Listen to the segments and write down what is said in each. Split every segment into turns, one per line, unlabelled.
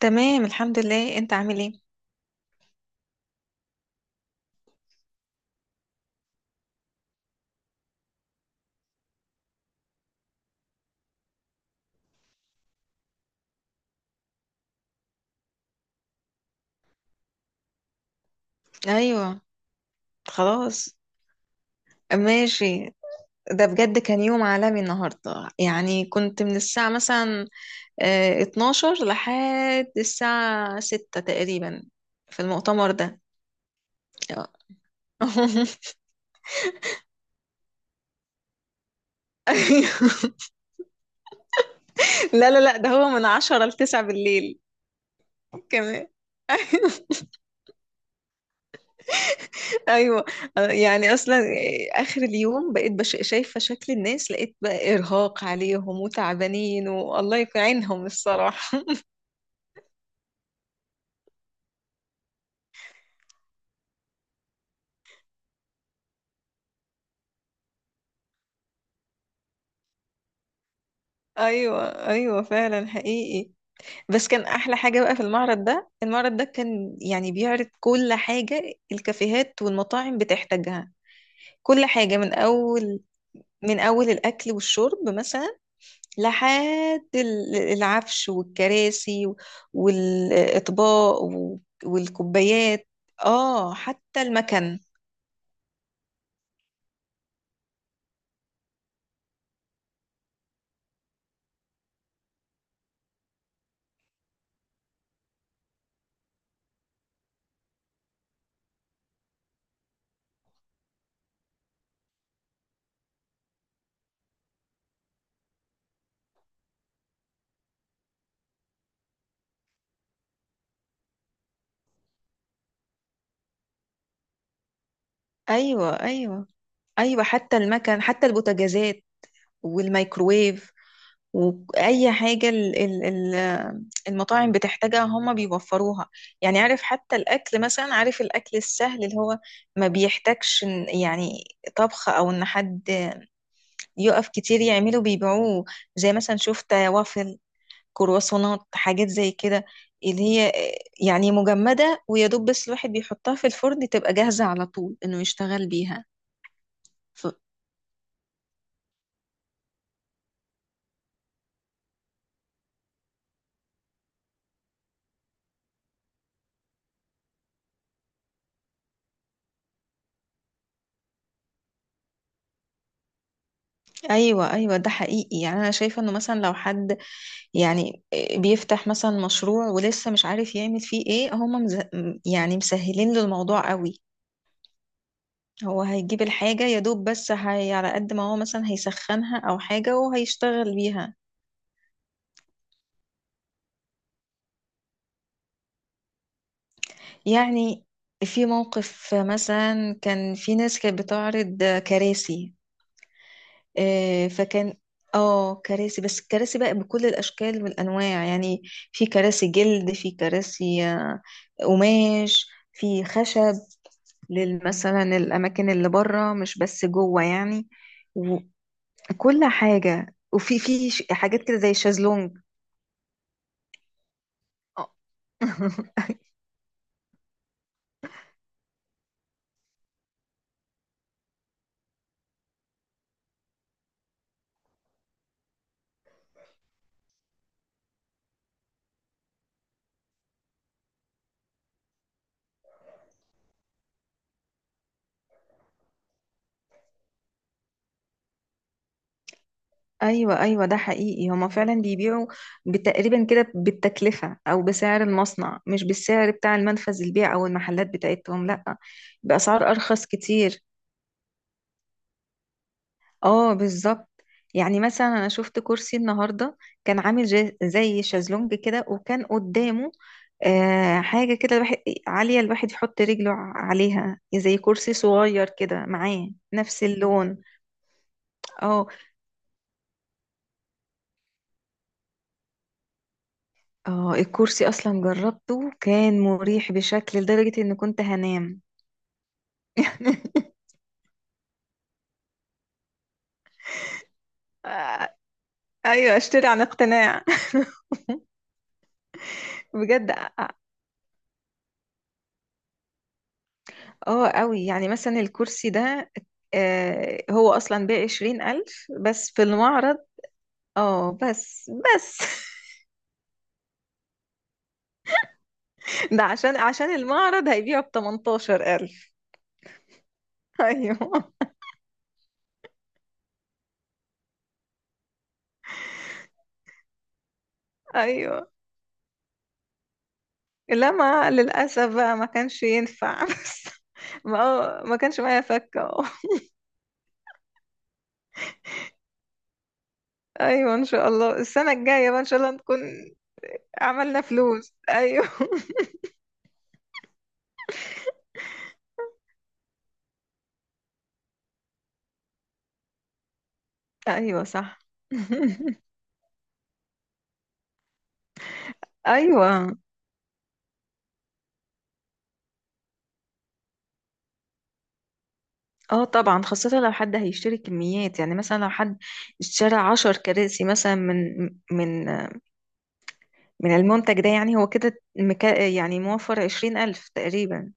تمام، الحمد لله. انت عامل ايه؟ ايوه. خلاص. ماشي. ده بجد كان يوم عالمي النهارده. يعني كنت من الساعة مثلا 12 لحد الساعة 6 تقريبا في المؤتمر ده. اه. ايوه. لا لا لا، ده هو من 10 ل 9 بالليل كمان. ايوه. يعني اصلا اخر اليوم بقيت شايفه شكل الناس، لقيت بقى ارهاق عليهم وتعبانين والله يكون عينهم الصراحه. ايوه ايوه، فعلا حقيقي. بس كان احلى حاجه بقى في المعرض ده. المعرض ده كان يعني بيعرض كل حاجه الكافيهات والمطاعم بتحتاجها، كل حاجه. من اول، من اول الاكل والشرب مثلا، لحد العفش والكراسي والاطباق والكوبايات. اه حتى المكن. ايوه ايوه. ايوه حتى المكن، حتى البوتاجازات والميكروويف، واي حاجه ال- المطاعم بتحتاجها هما بيوفروها. يعني عارف، حتى الاكل مثلا، عارف الاكل السهل اللي هو ما بيحتاجش يعني طبخ، او ان حد يقف كتير يعمله، بيبيعوه. زي مثلا شفت وافل، كرواسونات، حاجات زي كده اللي هي يعني مجمدة، ويا دوب بس الواحد بيحطها في الفرن تبقى جاهزة على طول انه يشتغل بيها. ف... ايوه ايوه، ده حقيقي. يعني انا شايفه انه مثلا لو حد، يعني بيفتح مثلا مشروع ولسه مش عارف يعمل فيه ايه، هما يعني مسهلين له الموضوع قوي. هو هيجيب الحاجة يا دوب، بس هي على قد ما هو مثلا هيسخنها أو حاجة وهيشتغل بيها. يعني في موقف مثلا كان في ناس كانت بتعرض كراسي، فكان، اه، كراسي بس الكراسي بقى بكل الاشكال والانواع يعني. في كراسي جلد، في كراسي قماش، في خشب، مثلا الاماكن اللي بره مش بس جوه يعني. وكل حاجه، وفي في حاجات كده زي الشازلونج. آه. ايوه ايوه، ده حقيقي. هما فعلا بيبيعوا تقريبا كده بالتكلفه او بسعر المصنع، مش بالسعر بتاع المنفذ البيع او المحلات بتاعتهم، لا، باسعار ارخص كتير. اه بالظبط. يعني مثلا انا شفت كرسي النهارده، كان عامل زي شازلونج كده، وكان قدامه حاجه كده، الواحد عاليه، الواحد يحط رجله عليها، زي كرسي صغير كده معاه نفس اللون. اه اه، الكرسي اصلا جربته كان مريح بشكل لدرجة ان كنت هنام. يعني آه، ايوه، اشتري عن اقتناع. بجد اه قوي. يعني مثلا الكرسي ده هو اصلا ب20 الف بس في المعرض. اه بس بس. ده عشان المعرض هيبيعه ب18 الف. ايوه. ايوه لا، ما للاسف بقى ما كانش ينفع. بس ما كانش معايا فكه. ايوه، ان شاء الله السنه الجايه بقى ان شاء الله نكون عملنا فلوس. ايوه. ايوه صح. ايوه. اه طبعا، خاصة لو حد هيشتري كميات. يعني مثلا لو حد اشترى 10 كراسي مثلا من من المنتج ده، يعني هو كده مكا، يعني موفر 20 ألف تقريبا.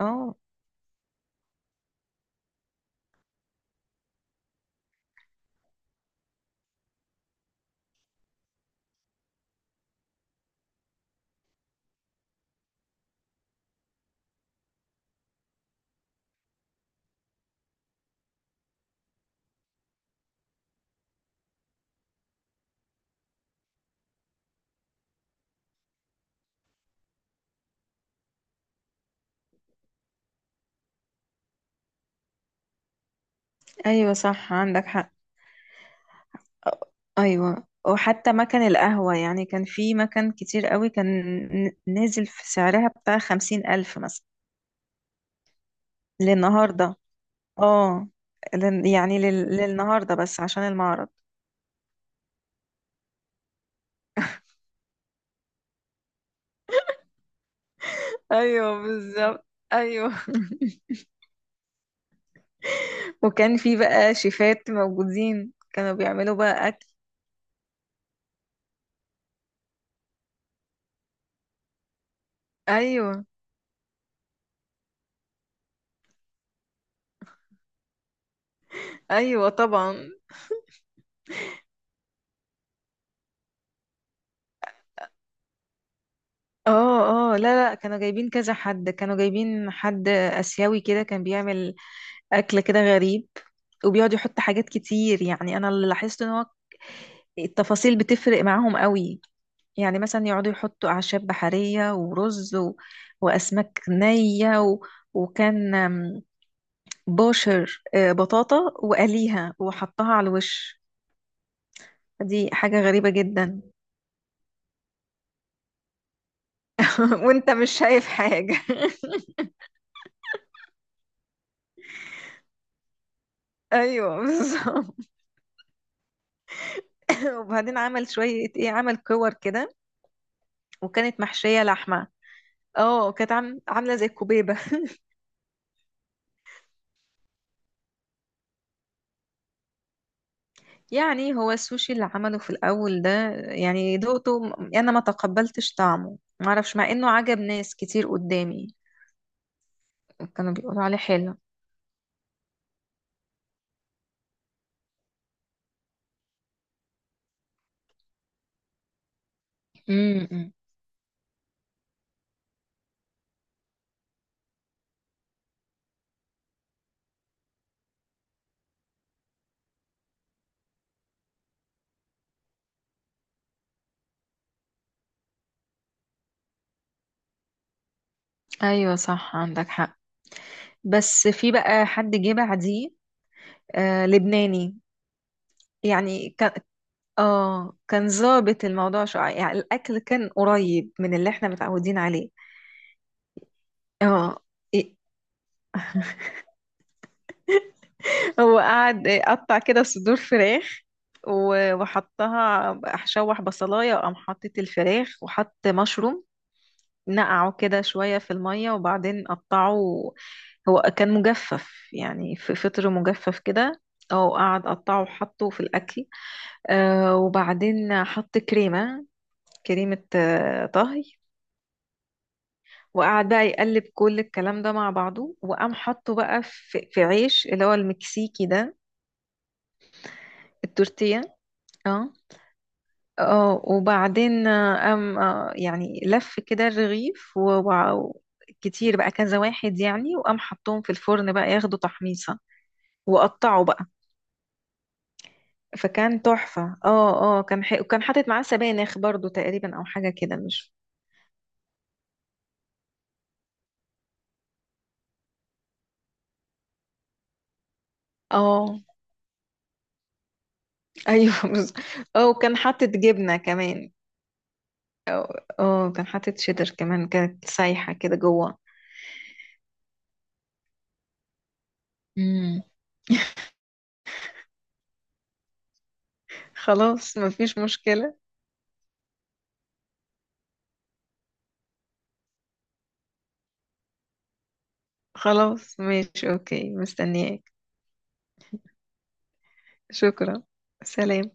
اه. ايوه صح عندك حق. ايوه، وحتى مكان القهوة يعني كان في مكان كتير قوي كان نازل في سعرها بتاع 50 ألف مثلا للنهاردة. اه، يعني للنهارده بس عشان المعرض. ايوه بالظبط. ايوه. وكان في بقى شيفات موجودين كانوا بيعملوا بقى اكل. ايوه ايوه طبعا. اه اه، لا لا، كانوا جايبين كذا حد، كانوا جايبين حد اسيوي كده كان بيعمل اكل كده غريب، وبيقعد يحط حاجات كتير. يعني انا اللي لاحظت ان هو التفاصيل بتفرق معاهم قوي. يعني مثلا يقعدوا يحطوا أعشاب بحرية، ورز، وأسماك نية، وكان بوشر، بطاطا وقليها وحطها على الوش. دي حاجة غريبة جدا. وانت مش شايف حاجة. ايوه بالظبط. وبعدين عمل شوية ايه، عمل كور كده، وكانت محشية لحمة. اه كانت عاملة زي الكوبيبة. يعني هو السوشي اللي عمله في الأول ده، يعني دقته أنا ما تقبلتش طعمه معرفش، مع إنه عجب ناس كتير قدامي كانوا بيقولوا عليه حلو. امم. أيوة صح عندك حق. بس في بقى حد جه بعديه، لبناني. يعني كان، اه، كان ظابط الموضوع شوية. يعني الأكل كان قريب من اللي احنا متعودين عليه. اه إيه. هو قعد قطع كده صدور فراخ وحطها شوح بصلايه، وقام حطيت الفراخ وحط مشروم نقعه كده شويه في الميه وبعدين قطعه. هو كان مجفف، يعني في فطر مجفف كده، او قعد قطعه وحطه في الاكل. وبعدين حط كريمه، كريمه طهي. وقعد بقى يقلب كل الكلام ده مع بعضه، وقام حطه بقى في عيش اللي هو المكسيكي ده، التورتيه. اه اه، وبعدين قام يعني لف كده الرغيف كتير بقى، كذا واحد يعني، وقام حطهم في الفرن بقى ياخدوا تحميصة، وقطعوا بقى. فكان تحفة. اه اه كان وكان حاطط معاه سبانخ برضو تقريبا، او حاجة كده مش. اه ايوه. اه وكان حاطط جبنة كمان. اه كان حاطط شيدر كمان كانت سايحة كده جوه. مم. خلاص مفيش مشكلة. خلاص ماشي اوكي، مستنياك. شكرا. سلام.